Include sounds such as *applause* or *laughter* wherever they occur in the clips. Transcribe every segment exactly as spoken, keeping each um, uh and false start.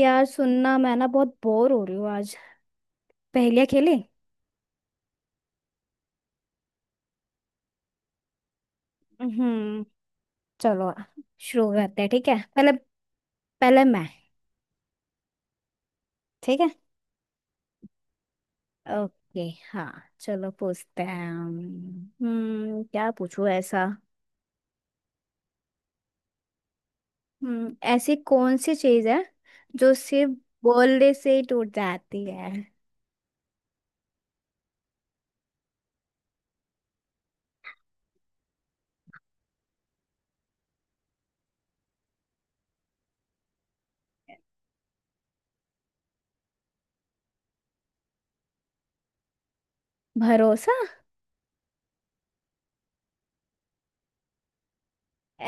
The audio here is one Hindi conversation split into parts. यार, सुनना। मैं ना बहुत बोर हो रही हूँ आज। पहेलियाँ खेले। हम्म। चलो, शुरू करते हैं। ठीक है पहले। पहले मैं। ठीक है। ओके। हाँ, चलो पूछते हैं हम। हम्म क्या पूछूं ऐसा। हम्म ऐसी कौन सी चीज है जो सिर्फ बोलने से ही टूट जाती है? भरोसा।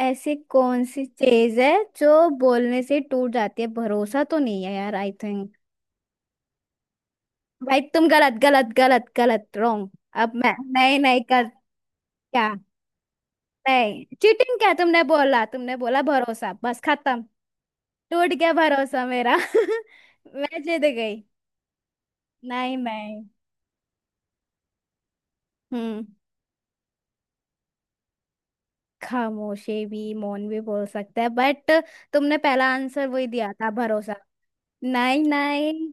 ऐसी कौन सी चीज है जो बोलने से ही टूट जाती है? भरोसा तो नहीं है यार, आई थिंक। भाई, तुम गलत गलत गलत गलत, रॉन्ग। अब मैं नहीं नहीं कर। क्या? नहीं, चीटिंग क्या? तुमने बोला, तुमने बोला भरोसा, बस खत्म। टूट गया भरोसा मेरा। *laughs* मैं जीत गई। नहीं नहीं। हम्म। खामोशी भी, मौन भी बोल सकते हैं, बट तुमने पहला आंसर वही दिया था, भरोसा। नहीं नहीं।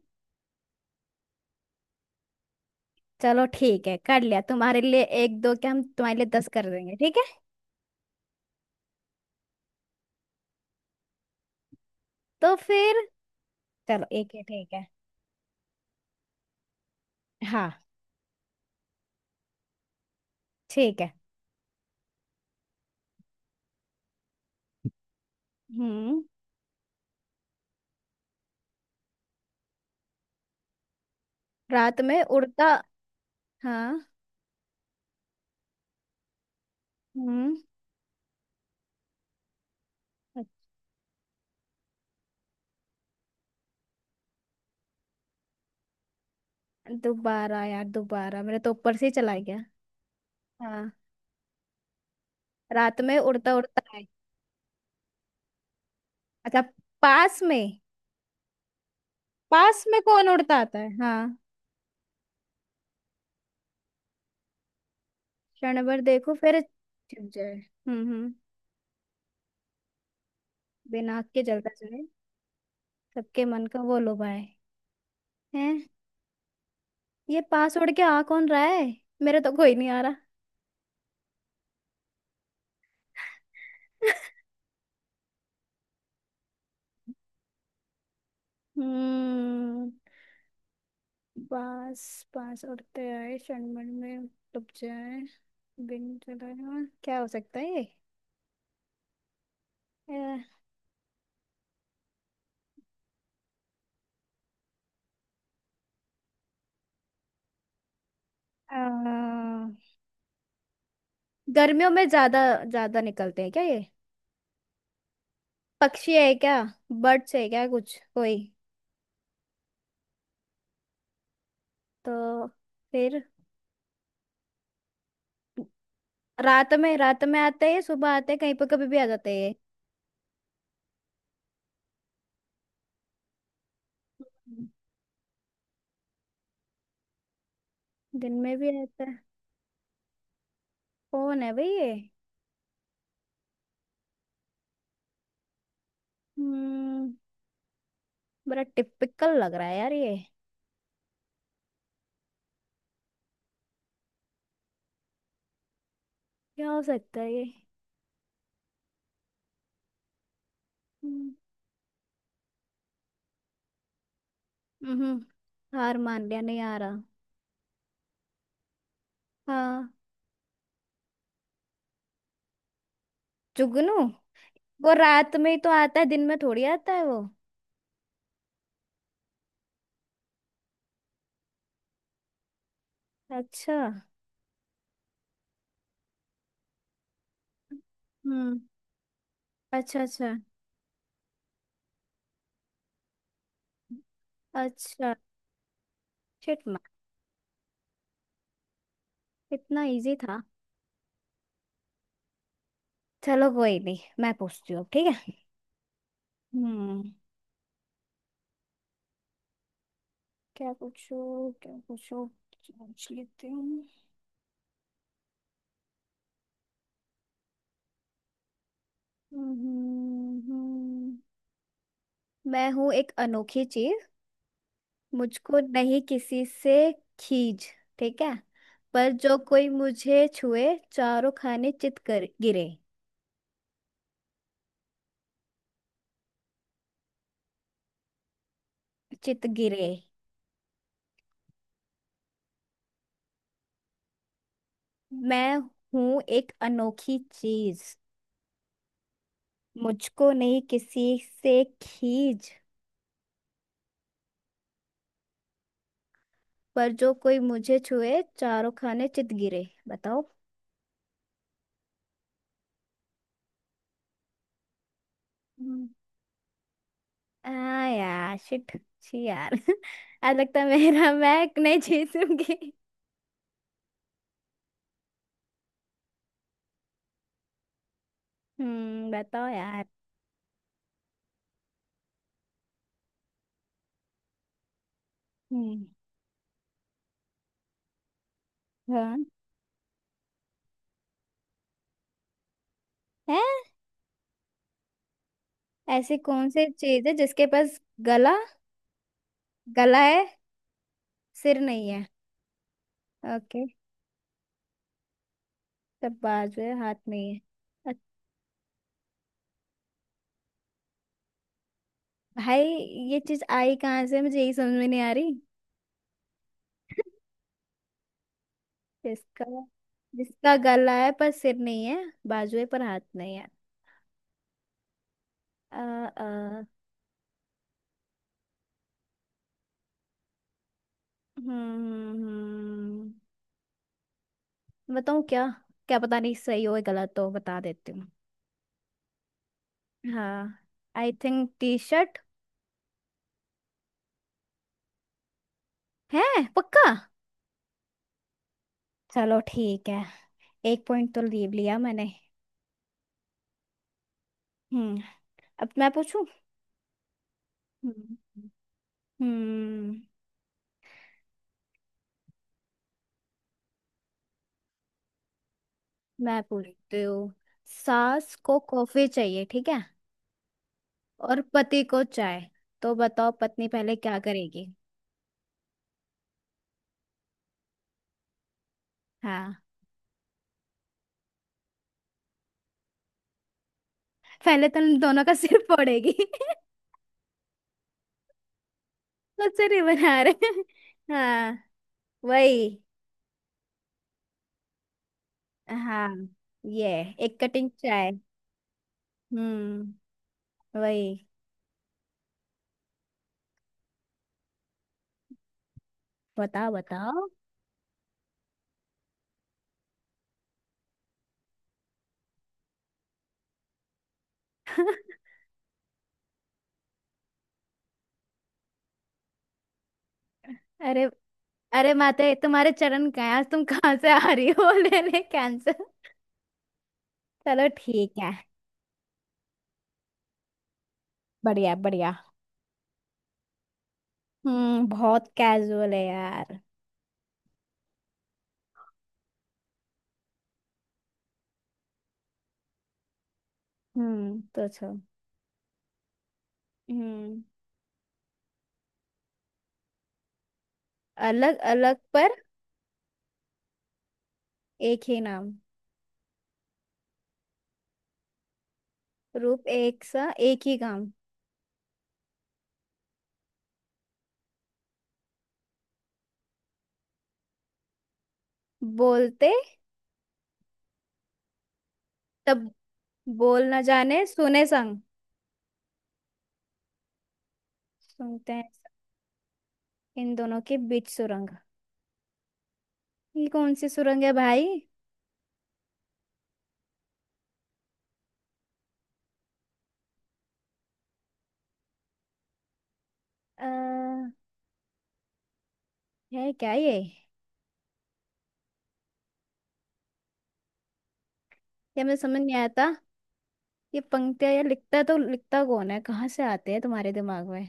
चलो ठीक है, कर लिया। तुम्हारे लिए एक दो के, हम तुम्हारे लिए दस कर देंगे ठीक है। तो फिर। चलो, एक है ठीक है। हाँ। ठीक है। हम्म। रात में उड़ता। हाँ। हम्म। दोबारा यार, दोबारा। मेरे तो ऊपर से ही चला गया। हाँ। रात में उड़ता उड़ता है। अच्छा। पास में। पास में कौन उड़ता आता है? हाँ। क्षण भर देखो, फिर छिप जाए। हम्म हम्म। बिना आग के जलता जाए। सबके मन का वो लुभाए। हैं? ये पास उड़ के आ कौन रहा है? मेरे तो कोई नहीं आ रहा। *laughs* हम्म। बांस। बांस उड़ते आए क्षणभर में डूब जाए बिन चलाए। क्या हो सकता है ये? अ, अ, गर्मियों में ज्यादा ज्यादा निकलते हैं क्या ये? पक्षी है क्या? बर्ड्स है क्या कुछ कोई? तो फिर, रात में, रात में आते हैं, सुबह आते हैं, कहीं पर कभी भी आ जाते हैं ये। दिन में भी आता है? कौन है भाई ये? हम्म। बड़ा टिपिकल लग रहा है यार ये। क्या हो सकता है ये? हम्म, हम्म, हार मान लिया, नहीं आ रहा। हाँ। जुगनू? वो रात में ही तो आता है, दिन में थोड़ी आता है वो। अच्छा। हम्म। अच्छा अच्छा। अच्छा। Shit man. इतना इजी था। चलो कोई नहीं, मैं पूछती हूँ अब, ठीक है। हम्म। क्या पूछो, क्या पूछो। सोच लेती हूँ। हम्म, हम्म, हम्म। मैं हूँ एक अनोखी चीज, मुझको नहीं किसी से खींच, ठीक है? पर जो कोई मुझे छुए, चारों खाने चित कर गिरे। चित गिरे। मैं हूं एक अनोखी चीज, मुझको नहीं किसी से खींच, पर जो कोई मुझे छुए, चारों खाने चित गिरे। बताओ। हम्म। आ, यार शिट, छी यार। *laughs* आज लगता है मेरा *laughs* मैं नहीं जीतूंगी। हम्म बताओ यार। हम्म। हाँ। है? ऐसी कौन सी चीज है जिसके पास गला, गला है, सिर नहीं है? ओके। सब बाजू है, हाथ नहीं है। अ- भाई, ये चीज आई कहाँ से, मुझे यही समझ में नहीं आ रही। जिसका जिसका गला है पर सिर नहीं है, बाजू है पर हाथ नहीं है। अ अ हम्म हम्म, हम्म। बताऊँ क्या? क्या पता नहीं, सही हो या गलत हो, बता देती हूँ। हाँ। I think T shirt. है? पक्का? चलो ठीक है। एक पॉइंट तो लीव लिया मैंने। हम्म। अब मैं पूछूं। हम्म। हम्म मैं पूछती हूँ। सास को कॉफी चाहिए ठीक है, और पति को चाय, तो बताओ पत्नी पहले क्या करेगी? हाँ। पहले तो उन दोनों का सिर फोड़ेगी। *laughs* मुझसे नहीं बना रहे। हाँ, वही। हाँ। ये एक कटिंग चाय। हम्म। वही। बताओ बताओ। *laughs* अरे, अरे माते, तुम्हारे चरण कहाँ हैं? आज तुम कहाँ से आ रही हो? *laughs* ले ले कैंसर। चलो ठीक है। बढ़िया बढ़िया। हम्म बहुत कैजुअल है यार। हम्म तो छो। हम्म। अलग अलग पर एक ही नाम, रूप एक सा, एक ही काम। बोलते। तब बोल न जाने सुने संग, सुनते हैं संग, इन दोनों के बीच सुरंग। ये कौन सी सुरंग है भाई? आ, है क्या ये? ये मुझे समझ नहीं आता। ये पंक्तियां ये लिखता तो लिखता कौन है, कहाँ से आते हैं तुम्हारे दिमाग में?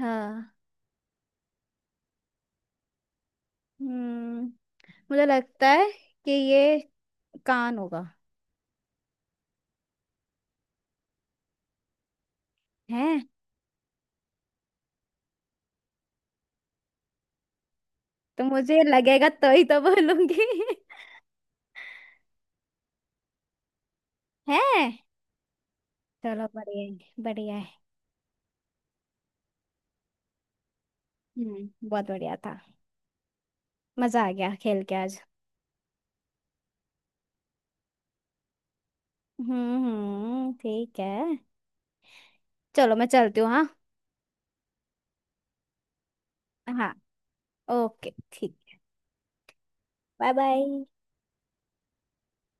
हाँ। हम्म। मुझे लगता है कि ये कान होगा। है? तो मुझे लगेगा तो ही तो बोलूंगी। *laughs* है। चलो, बढ़िया है, बढ़िया है। हम्म बहुत बढ़िया था। मजा आ गया खेल के आज। हम्म हम्म, ठीक है। चलो मैं चलती हूँ, हाँ। हाँ। ओके, ठीक। Bye bye.